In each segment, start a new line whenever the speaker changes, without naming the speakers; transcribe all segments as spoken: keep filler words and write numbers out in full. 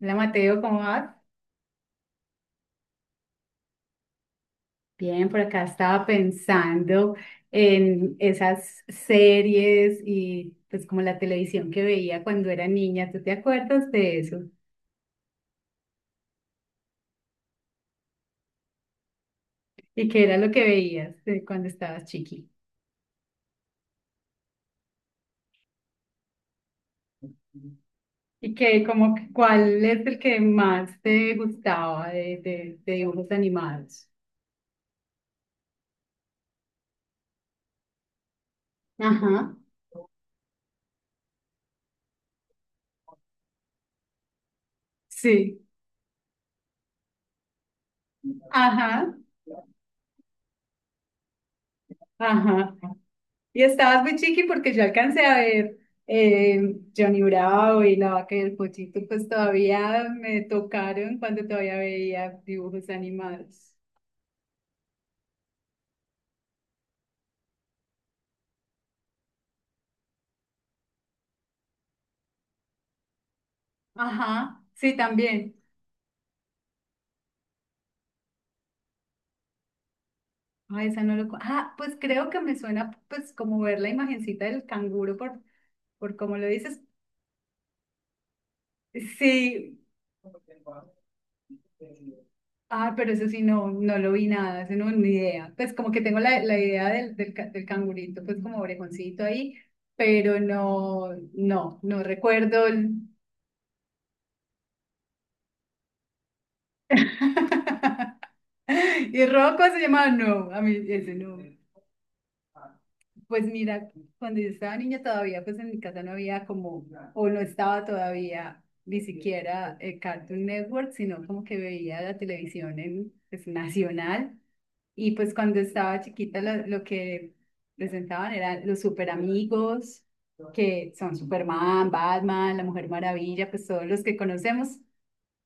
Hola Mateo, ¿cómo vas? Bien, por acá estaba pensando en esas series y pues como la televisión que veía cuando era niña. ¿Tú te acuerdas de eso? ¿Y qué era lo que veías eh, cuando estabas chiqui? ¿Y qué, como, que- cuál es el que más te gustaba de, de, de dibujos animados? Ajá, sí, ajá, ajá. Y estabas muy chiqui porque yo alcancé a ver eh, Johnny Bravo y La Vaca y el Pollito, pues todavía me tocaron cuando todavía veía dibujos animados. Ajá, sí, también. Ah, esa no lo... co- Ah, pues creo que me suena pues como ver la imagencita del canguro por, por cómo lo dices. Sí, ah, pero eso sí, no, no lo vi nada, eso no, ni idea. Pues como que tengo la, la idea del, del, ca- del cangurito, pues como orejoncito ahí, pero no, no, no recuerdo. el- Y Rocco se llamaba, no, a mí ese no. Pues mira, cuando yo estaba niña todavía, pues en mi casa no había como, o no estaba todavía ni siquiera eh, Cartoon Network, sino como que veía la televisión en, pues, nacional. Y pues cuando estaba chiquita lo, lo que presentaban eran los super amigos, que son Superman, Batman, la Mujer Maravilla, pues todos los que conocemos.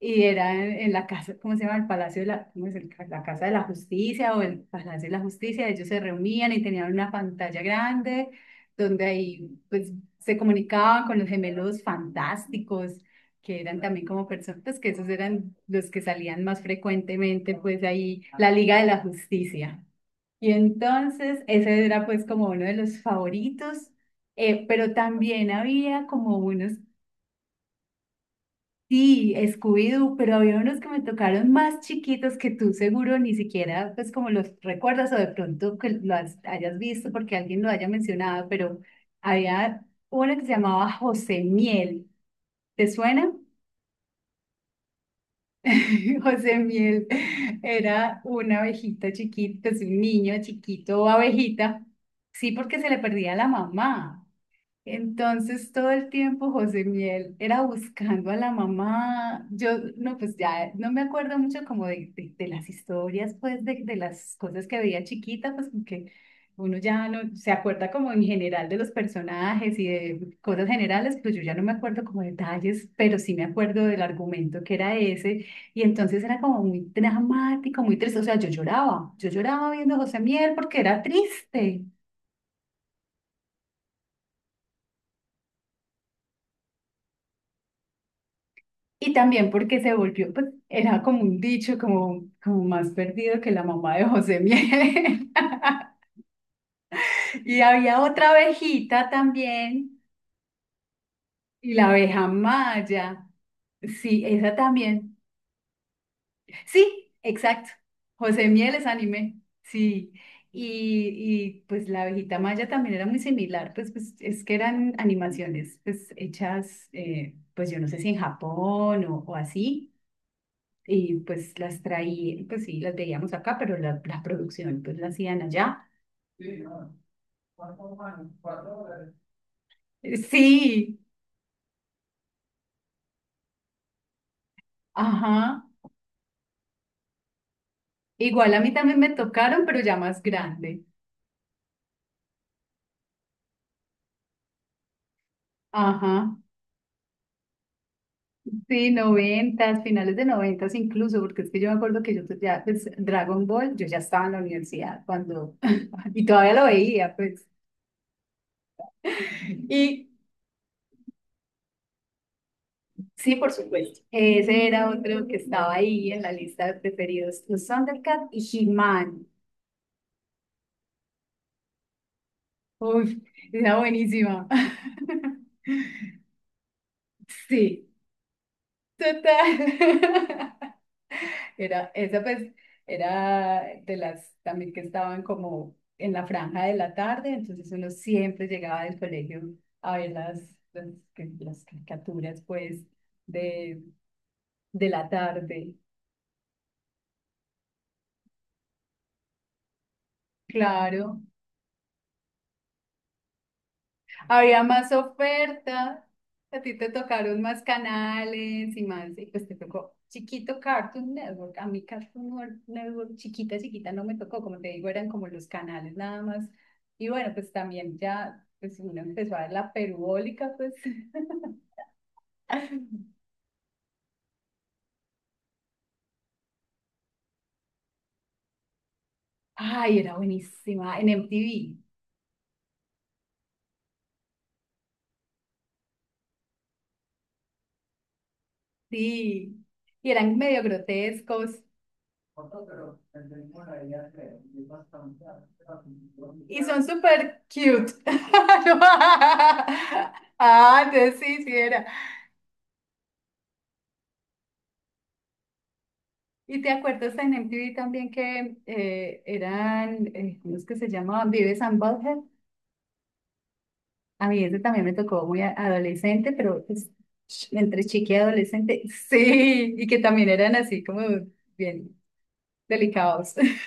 Y era en, en la casa, ¿cómo se llama? El Palacio de la, ¿cómo es el ca- la Casa de la Justicia o el Palacio de la Justicia? Ellos se reunían y tenían una pantalla grande donde ahí pues se comunicaban con los gemelos fantásticos, que eran también como personas, pues que esos eran los que salían más frecuentemente, pues ahí la Liga de la Justicia. Y entonces ese era pues como uno de los favoritos. Eh, pero también había como unos. Sí, Scooby-Doo, pero había unos que me tocaron más chiquitos que tú seguro ni siquiera, pues como los recuerdas o de pronto que lo has- hayas visto porque alguien lo haya mencionado, pero había una que se llamaba José Miel. ¿Te suena? José Miel era una abejita chiquita, es un niño chiquito, abejita. Sí, porque se le perdía la mamá. Entonces todo el tiempo José Miel era buscando a la mamá. Yo no, pues ya no me acuerdo mucho como de, de, de las historias, pues de, de las cosas que veía chiquita, pues porque uno ya no se acuerda como en general de los personajes y de cosas generales, pero yo ya no me acuerdo como detalles, pero sí me acuerdo del argumento que era ese. Y entonces era como muy dramático, muy triste. O sea, yo lloraba, yo lloraba viendo a José Miel porque era triste. Y también porque se volvió, pues era como un dicho, como, como más perdido que la mamá de José Miel. Y había otra abejita también, y la abeja Maya. Sí, esa también. Sí, exacto. José Miel es anime. Sí. Y, y pues la abejita Maya también era muy similar, pues, pues es que eran animaciones pues hechas, eh, pues yo no sé si en Japón o, o así y pues las traí, pues sí, las veíamos acá, pero la, la producción pues la hacían allá. Eh, Sí, ajá. Igual a mí también me tocaron, pero ya más grande. Ajá. Sí, noventas, finales de noventas incluso, porque es que yo me acuerdo que yo pues, ya, pues Dragon Ball, yo ya estaba en la universidad cuando, y todavía lo veía, pues. Y sí, por supuesto, ese era otro que estaba ahí en la lista de preferidos, los Thundercats y He-Man. Uf, era buenísima. Sí, total. Era, esa pues era de las también que estaban como en la franja de la tarde, entonces uno siempre llegaba del colegio a ver las, las, que- las caricaturas pues de, de la tarde. Claro. Había más oferta, a ti te tocaron más canales y más, y pues te tocó chiquito Cartoon Network, a mí Cartoon Network chiquita, chiquita no me tocó, como te digo, eran como los canales nada más. Y bueno, pues también ya, pues uno empezó a ver la perubólica, pues. Ay, era buenísima, en M T V, sí. Y eran medio grotescos. Y son súper cute. No. Ah, entonces sí, sí era. ¿Y te acuerdas en M T V también que eh, eran, eh, cómo es que se llamaban? Vives and Butthead. A mí ese también me tocó muy a- adolescente, pero pues, ch- entre chiqui y adolescente, sí, y que también eran así como bien delicados.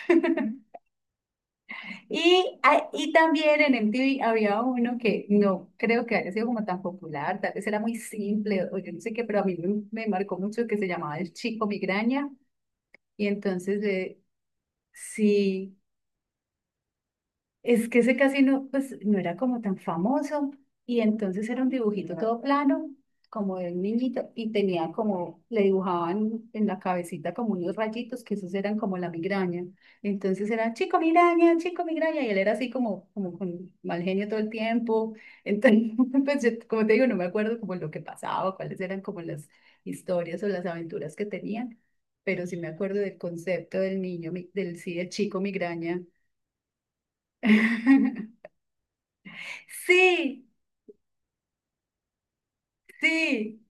Y, ah, y también en M T V había uno que no creo que haya sido como tan popular, tal vez era muy simple o yo no sé qué, pero a mí me, me marcó mucho que se llamaba El Chico Migraña. Y entonces, eh, sí, es que ese casi no, pues, no era como tan famoso y entonces era un dibujito todo plano, como de un niñito, y tenía como, le dibujaban en la cabecita como unos rayitos, que esos eran como la migraña. Entonces era, chico migraña, chico migraña, y él era así como, como con mal genio todo el tiempo. Entonces, pues, yo, como te digo, no me acuerdo como lo que pasaba, cuáles eran como las historias o las aventuras que tenían, pero sí me acuerdo del concepto del niño, mi- del sí, del chico migraña. Sí, sí,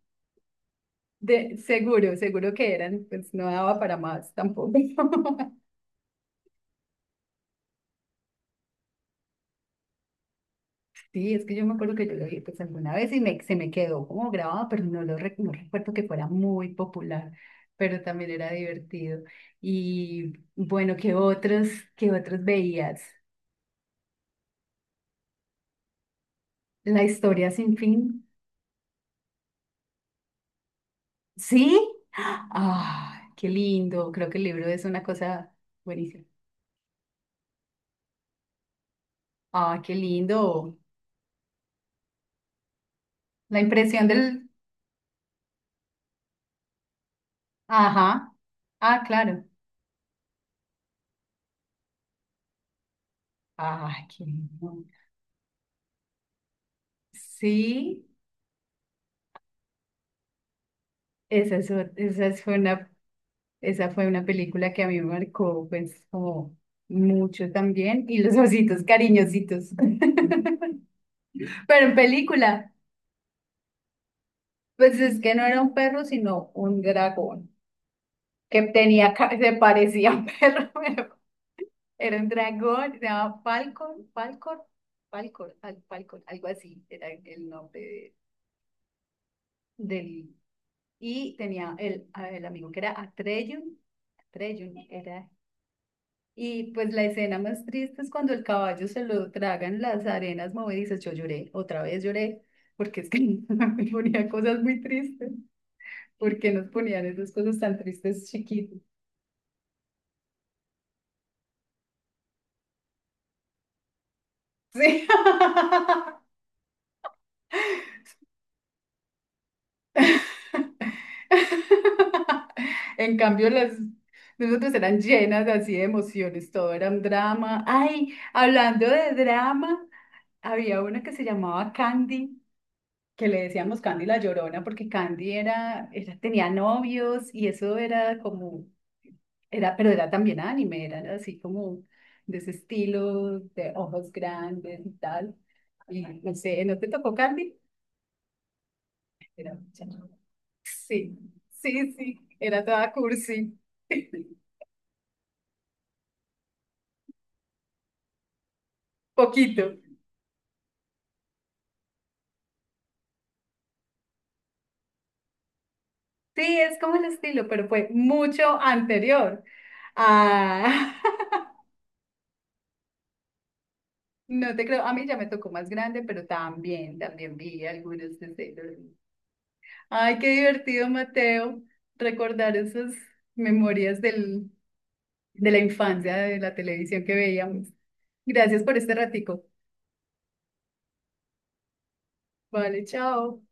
de, seguro, seguro que eran, pues no daba para más tampoco. Sí, es que yo me acuerdo que yo lo vi pues alguna vez y me, se me quedó como grabado, pero no lo re- no recuerdo que fuera muy popular, pero también era divertido. Y bueno, ¿qué otros, qué otros veías? La historia sin fin. ¿Sí? Ah, qué lindo, creo que el libro es una cosa buenísima. Ah, qué lindo. La impresión del... Ajá, ah, claro. Ah, qué lindo. Sí, esa es, o- esa fue una, esa fue una película que a mí me marcó, pues, como mucho también. Y los ositos cariñositos. Pero en película, pues es que no era un perro, sino un dragón, que tenía, ca- se parecía a un perro, pero era un dragón, se llamaba Falcon, Falcor, Falcor, al- Falcor, algo así, era el nombre de- del... Y tenía el, el amigo que era Atreyu. Atreyu, era. Y pues la escena más triste es cuando el caballo se lo tragan las arenas movedizas. Yo lloré, otra vez lloré, porque es que me ponía cosas muy tristes. ¿Por qué nos ponían esas cosas tan tristes chiquitos? Sí. En cambio, las nosotros eran llenas así de emociones, todo era un drama. Ay, hablando de drama, había una que se llamaba Candy, que le decíamos Candy la Llorona, porque Candy era, era, tenía novios y eso era como, era, pero era también anime, era así como de ese estilo, de ojos grandes y tal. Y no sé, ¿no te tocó Candy? Era muchacha. Sí, sí, sí, era toda cursi, poquito. Sí, es como el estilo, pero fue mucho anterior. A no te creo, a mí ya me tocó más grande, pero también, también vi algunos de Sailor Moon. Ay, qué divertido, Mateo, recordar esas memorias del, de la infancia, de la televisión que veíamos. Gracias por este ratico. Vale, chao.